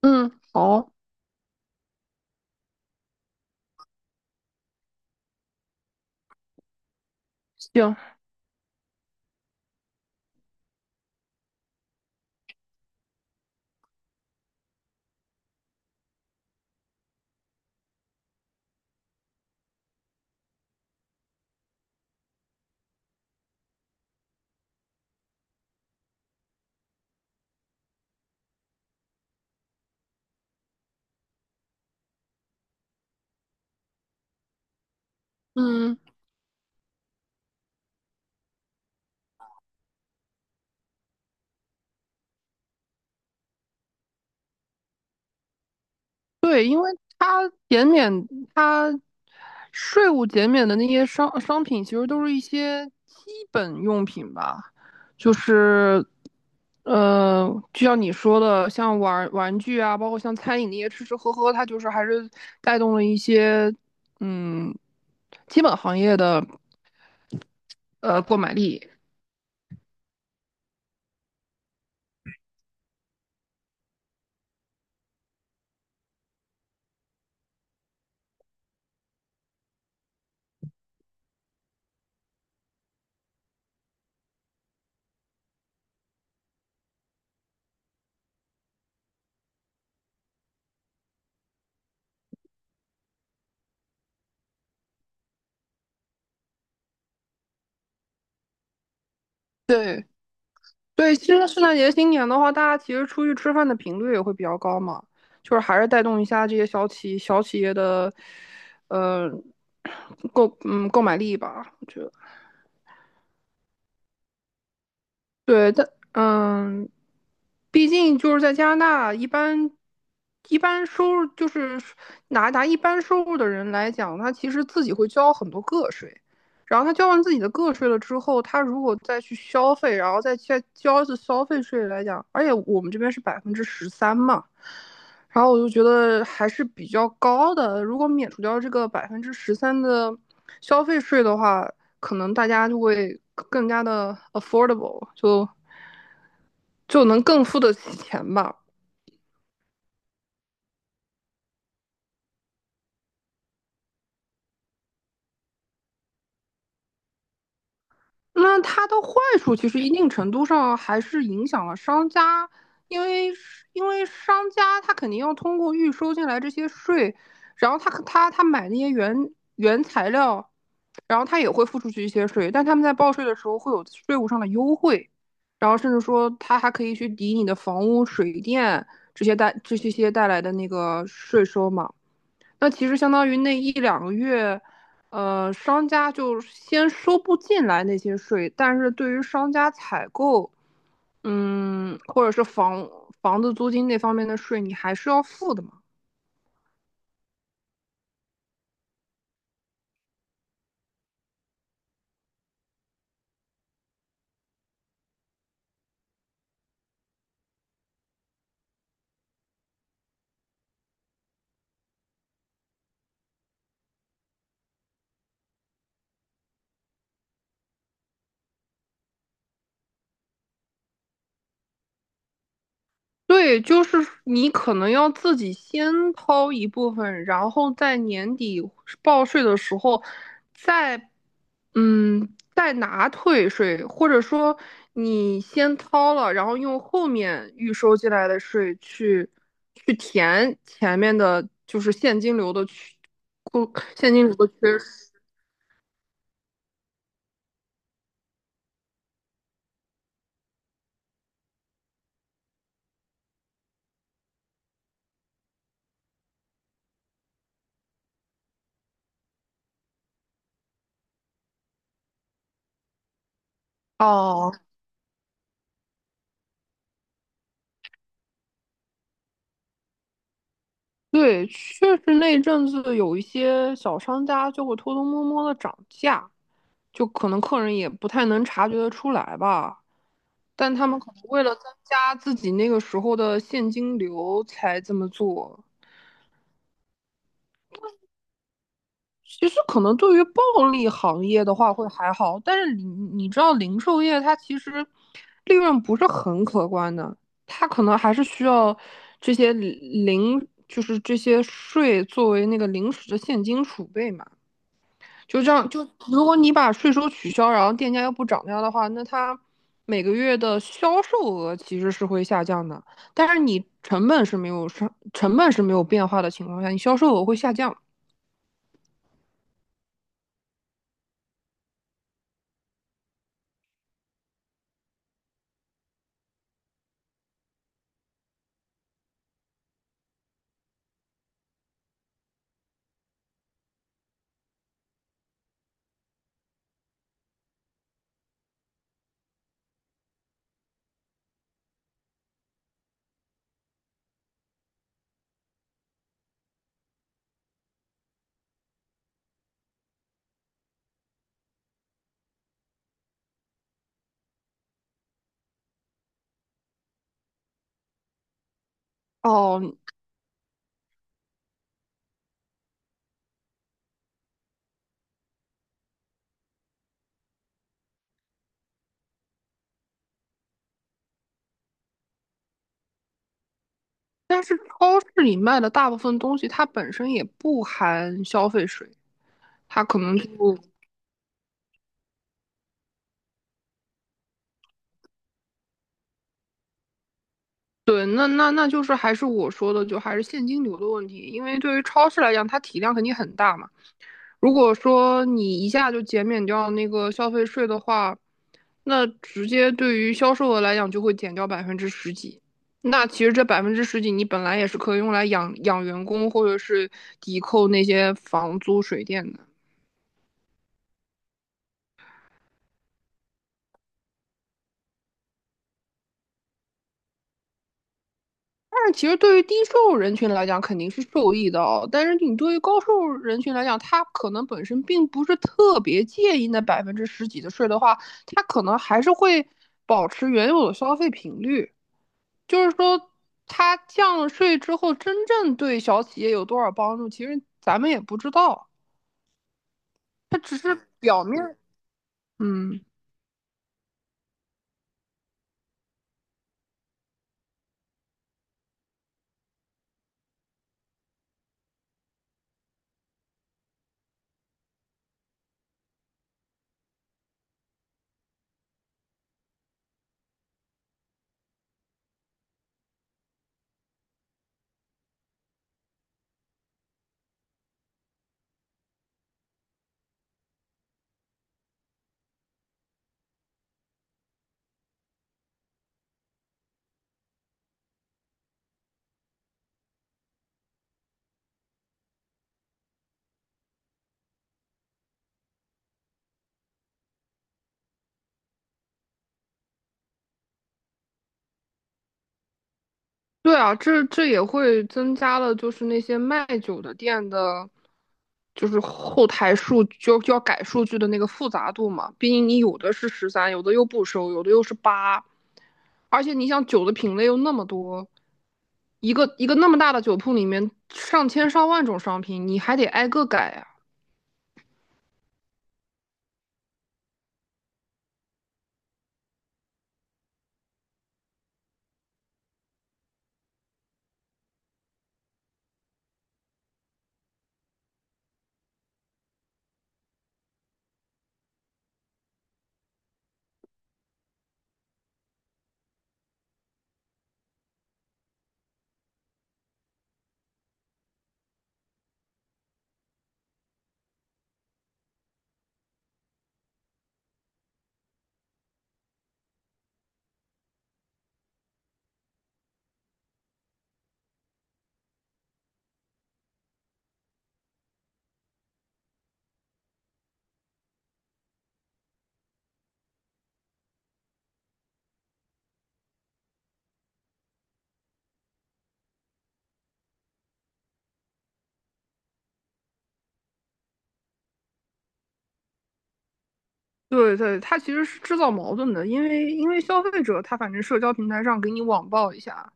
嗯，好，行，嗯，它减免，它税务减免的那些商品，其实都是一些基本用品吧，就是，呃，就像你说的，像玩具啊，包括像餐饮那些吃吃喝喝，它就是还是带动了一些，嗯，基本行业的购买力。对。对，其实圣诞节新年的话，大家其实出去吃饭的频率也会比较高嘛，就是还是带动一下这些小企业的，呃，购买力吧。我觉得。对，但嗯，毕竟就是在加拿大，一般收入就是拿一般收入的人来讲，他其实自己会交很多个税，然后他交完自己的个税了之后，他如果再去消费，然后再交一次消费税来讲，而且我们这边是百分之十三嘛。然后我就觉得还是比较高的。如果免除掉这个百分之十三的消费税的话，可能大家就会更加的 affordable,就能更付得起钱吧。那它的坏处其实一定程度上还是影响了商家，因为因为商家他肯定要通过预收进来这些税，然后他买那些原材料，然后他也会付出去一些税，但他们在报税的时候会有税务上的优惠，然后甚至说他还可以去抵你的房屋、水电这些带来的那个税收嘛。那其实相当于那一两个月，商家就先收不进来那些税，但是对于商家采购，或者是房子租金那方面的税，你还是要付的嘛。对，就是你可能要自己先掏一部分，然后在年底报税的时候再嗯，代拿退税，或者说你先掏了，然后用后面预收进来的税去填前面的，就是现金流的缺，现金流的缺失。哦，对，确实那一阵子有一些小商家就会偷偷摸摸的涨价，就可能客人也不太能察觉得出来吧。但他们可能为了增加自己那个时候的现金流才这么做。其实可能对于暴利行业的话会还好，但是你知道零售业它其实利润不是很可观的，它可能还是需要这些零就是这些税作为那个临时的现金储备嘛。就这样，就如果你把税收取消，然后店家又不涨价的话，那它每个月的销售额其实是会下降的，但是你成本是没有上，成本是没有变化的情况下，你销售额会下降。哦，但是超市里卖的大部分东西，它本身也不含消费税，它可能就对，那就是还是我说的，就还是现金流的问题。因为对于超市来讲，它体量肯定很大嘛。如果说你一下就减免掉那个消费税的话，那直接对于销售额来讲就会减掉百分之十几。那其实这百分之十几，你本来也是可以用来养员工，或者是抵扣那些房租、水电的。但其实对于低收入人群来讲，肯定是受益的哦。但是你对于高收入人群来讲，他可能本身并不是特别介意那百分之十几的税的话，他可能还是会保持原有的消费频率。就是说，他降了税之后，真正对小企业有多少帮助，其实咱们也不知道。他只是表面，嗯。对啊，这也会增加了，就是那些卖酒的店的，就是后台数就就要改数据的那个复杂度嘛。毕竟你有的是十三，有的又不收，有的又是8，而且你想酒的品类又那么多，一个一个那么大的酒铺里面上千上万种商品，你还得挨个改啊。对对，它其实是制造矛盾的，因为消费者他反正社交平台上给你网暴一下，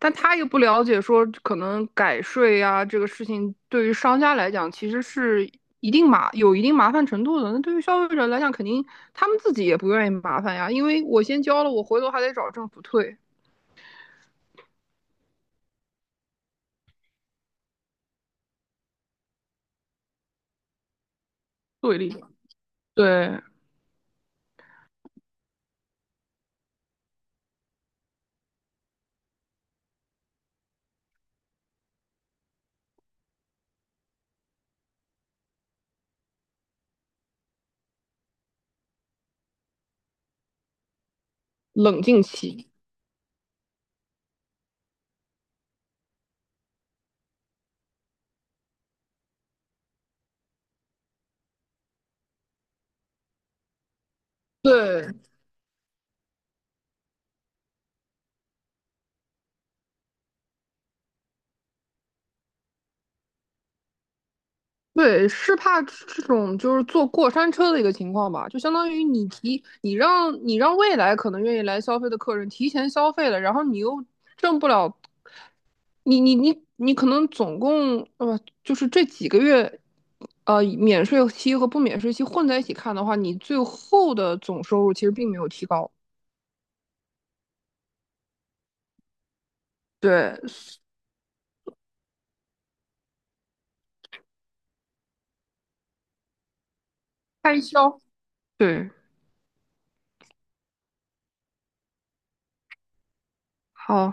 但他又不了解说可能改税呀、这个事情，对于商家来讲其实是一定麻有一定麻烦程度的。那对于消费者来讲，肯定他们自己也不愿意麻烦呀，因为我先交了，我回头还得找政府退，对立对，冷静期。对对，是怕这种就是坐过山车的一个情况吧，就相当于你让未来可能愿意来消费的客人提前消费了，然后你又挣不了你可能总共就是这几个月，免税期和不免税期混在一起看的话，你最后的总收入其实并没有提高。对，开销。对，好。